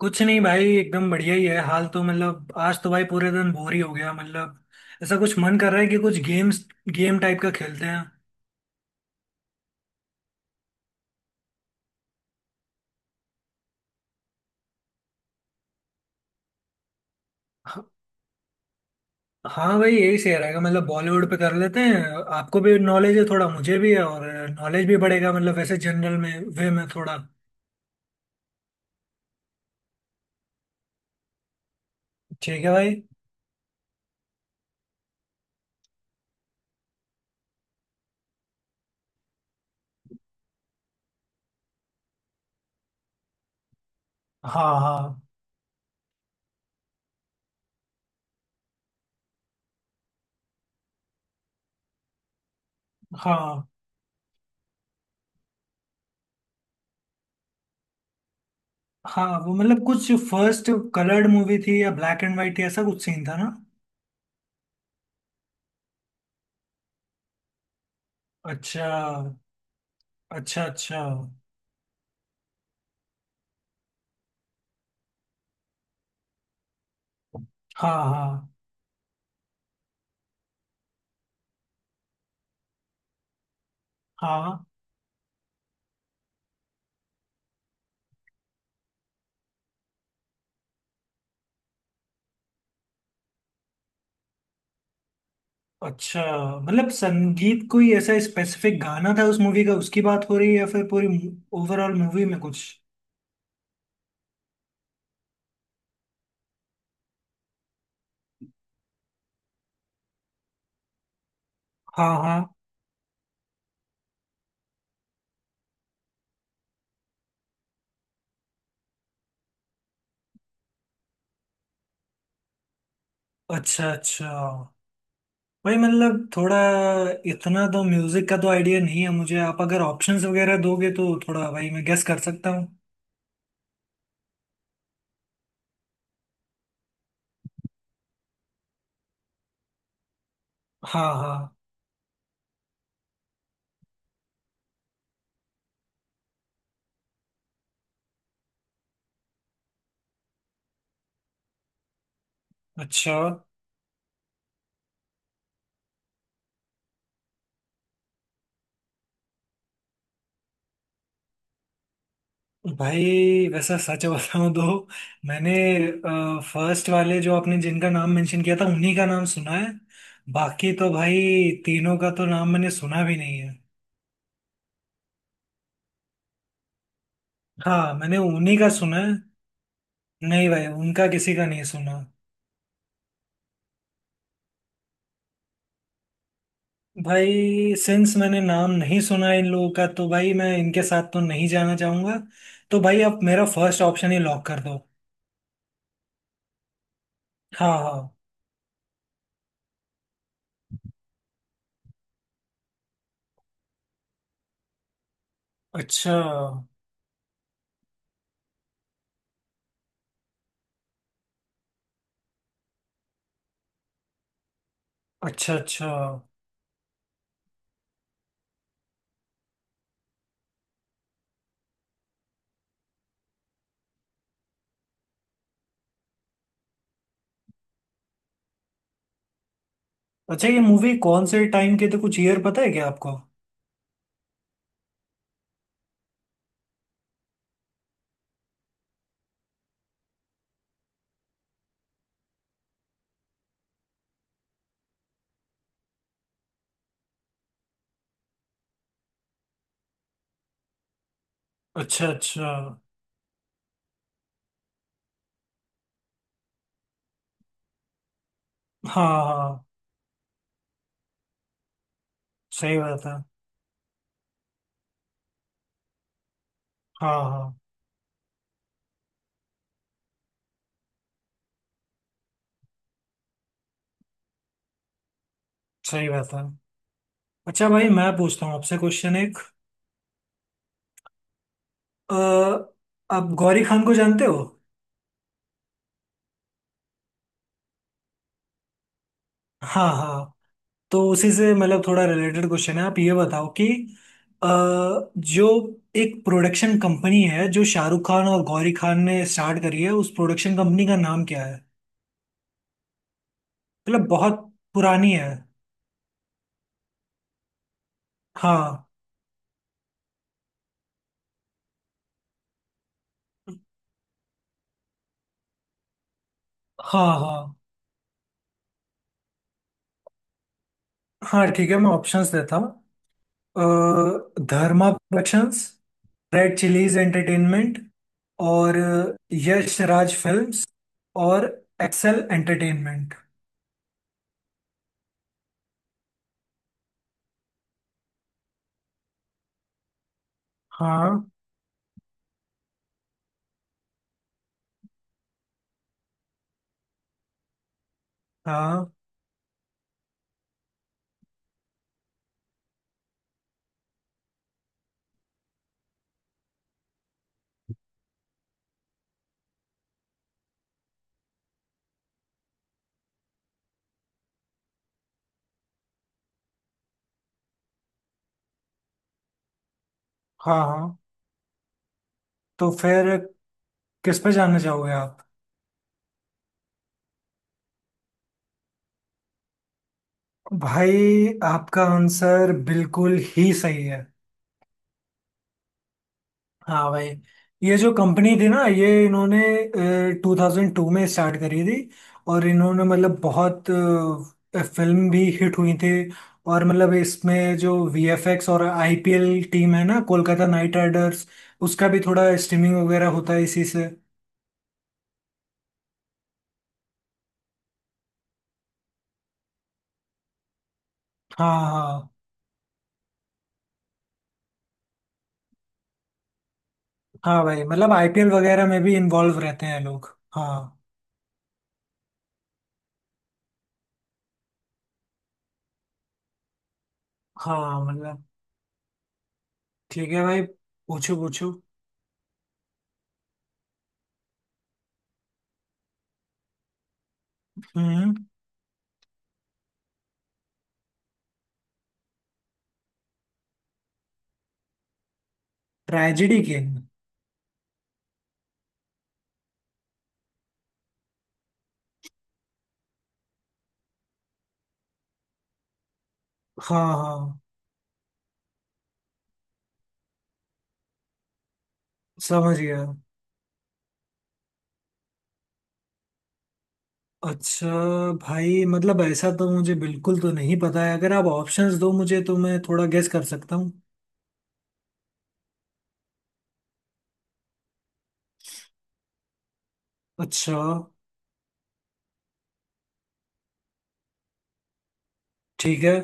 कुछ नहीं भाई, एकदम बढ़िया ही है हाल। तो मतलब आज तो भाई पूरे दिन बोर ही हो गया। मतलब ऐसा कुछ मन कर रहा है कि कुछ गेम्स गेम टाइप का खेलते हैं। ह- हाँ भाई, यही सही रहेगा। मतलब बॉलीवुड पे कर लेते हैं। आपको भी नॉलेज है थोड़ा, मुझे भी है, और नॉलेज भी बढ़ेगा। मतलब वैसे जनरल में वे में थोड़ा। ठीक है भाई। हाँ हाँ। हाँ हाँ, वो मतलब कुछ फर्स्ट कलर्ड मूवी थी या ब्लैक एंड वाइट थी, ऐसा कुछ सीन था ना। अच्छा। अच्छा अच्छा। हाँ हाँ हाँ। अच्छा, मतलब संगीत कोई ऐसा स्पेसिफिक गाना था उस मूवी का उसकी बात हो रही है या फिर पूरी ओवरऑल मूवी में कुछ। हाँ हाँ। अच्छा अच्छा। भाई मतलब थोड़ा इतना तो म्यूजिक का तो आइडिया नहीं है मुझे। आप अगर ऑप्शंस वगैरह दोगे तो थोड़ा भाई मैं गेस कर सकता हूँ। हाँ हाँ। अच्छा। भाई वैसा सच बताऊं तो मैंने फर्स्ट वाले, जो आपने जिनका नाम मेंशन किया था, उन्हीं का नाम सुना है। बाकी तो भाई तीनों का तो नाम मैंने सुना भी नहीं है। हाँ मैंने उन्हीं का सुना है। नहीं भाई, उनका किसी का नहीं सुना। भाई सिंस मैंने नाम नहीं सुना है इन लोगों का, तो भाई मैं इनके साथ तो नहीं जाना चाहूंगा। तो भाई आप मेरा फर्स्ट ऑप्शन ही लॉक कर दो। हाँ हाँ। अच्छा। अच्छा अच्छा। अच्छा, ये मूवी कौन से टाइम के थे? कुछ ईयर पता है क्या आपको? अच्छा अच्छा। हाँ हाँ। सही बात है। हाँ हाँ। सही बात है। अच्छा भाई, मैं पूछता हूँ आपसे क्वेश्चन एक। अ, आप गौरी खान को जानते हो? हाँ हाँ। तो उसी से मतलब थोड़ा रिलेटेड क्वेश्चन है। आप ये बताओ कि अ, जो एक प्रोडक्शन कंपनी है जो शाहरुख खान और गौरी खान ने स्टार्ट करी है, उस प्रोडक्शन कंपनी का नाम क्या है? मतलब बहुत पुरानी है। हाँ। हाँ हाँ। हाँ ठीक है, मैं ऑप्शंस देता हूँ। धर्मा प्रोडक्शंस, रेड चिलीज एंटरटेनमेंट, और यश राज फिल्म्स, और एक्सेल एंटरटेनमेंट। हाँ हाँ। हाँ हाँ। तो फिर किस पे जानना चाहोगे आप? भाई आपका आंसर बिल्कुल ही सही है। हाँ भाई, ये जो कंपनी थी ना, ये इन्होंने 2002 में स्टार्ट करी थी। और इन्होंने मतलब बहुत फिल्म भी हिट हुई थी। और मतलब इसमें जो वीएफएक्स और आईपीएल टीम है ना, कोलकाता नाइट राइडर्स, उसका भी थोड़ा स्ट्रीमिंग वगैरह होता है इसी से। हाँ हाँ। हाँ भाई, मतलब आईपीएल वगैरह में भी इन्वॉल्व रहते हैं लोग, हाँ। हाँ मतलब। ठीक है भाई, पूछो पूछो। हम्म ट्रेजेडी के? हाँ हाँ, समझ गया। अच्छा। भाई मतलब ऐसा तो मुझे बिल्कुल तो नहीं पता है। अगर आप ऑप्शंस दो मुझे तो मैं थोड़ा गेस कर सकता हूँ। अच्छा। ठीक है।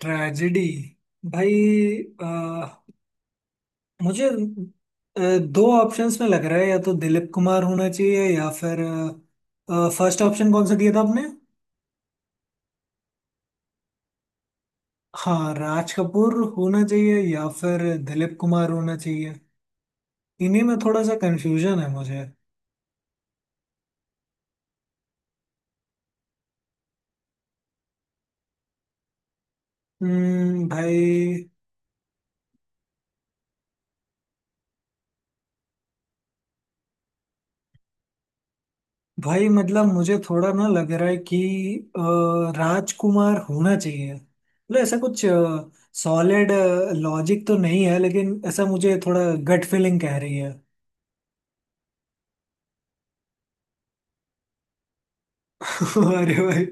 ट्रेजेडी। भाई, अ, मुझे दो ऑप्शंस में लग रहा है। या तो दिलीप कुमार होना चाहिए, या फिर फर्स्ट ऑप्शन कौन सा दिया था आपने? हाँ, राज कपूर होना चाहिए या फिर दिलीप कुमार होना चाहिए। इन्हीं में थोड़ा सा कंफ्यूजन है मुझे। भाई। भाई मतलब मुझे थोड़ा ना लग रहा है कि अ, राजकुमार होना चाहिए। मतलब ऐसा कुछ सॉलिड लॉजिक तो नहीं है, लेकिन ऐसा मुझे थोड़ा गट फीलिंग कह रही है। अरे भाई।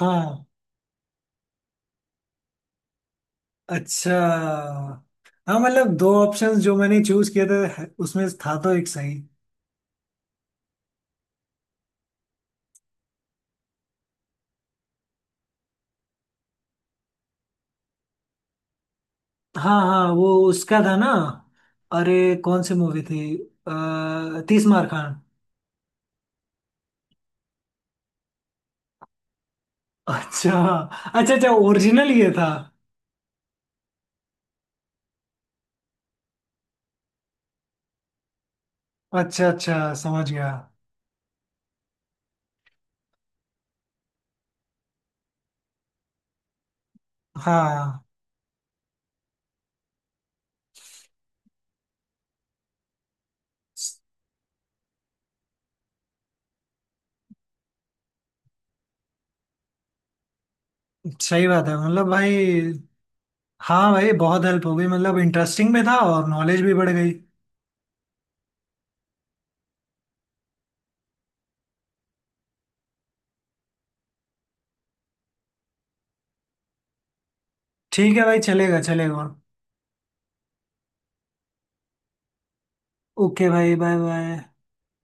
हाँ। अच्छा। हाँ मतलब दो ऑप्शंस जो मैंने चूज किए थे उसमें था तो एक सही। हाँ हाँ, वो उसका था ना। अरे कौन सी मूवी थी? तीस मार खान? अच्छा। अच्छा अच्छा, ओरिजिनल ये था। अच्छा अच्छा, समझ गया। हाँ। स- सही बात है मतलब भाई। हाँ भाई, बहुत हेल्प हो गई। मतलब इंटरेस्टिंग भी था और नॉलेज भी बढ़ गई। ठीक है भाई, चलेगा चलेगा। ओके भाई, बाय बाय।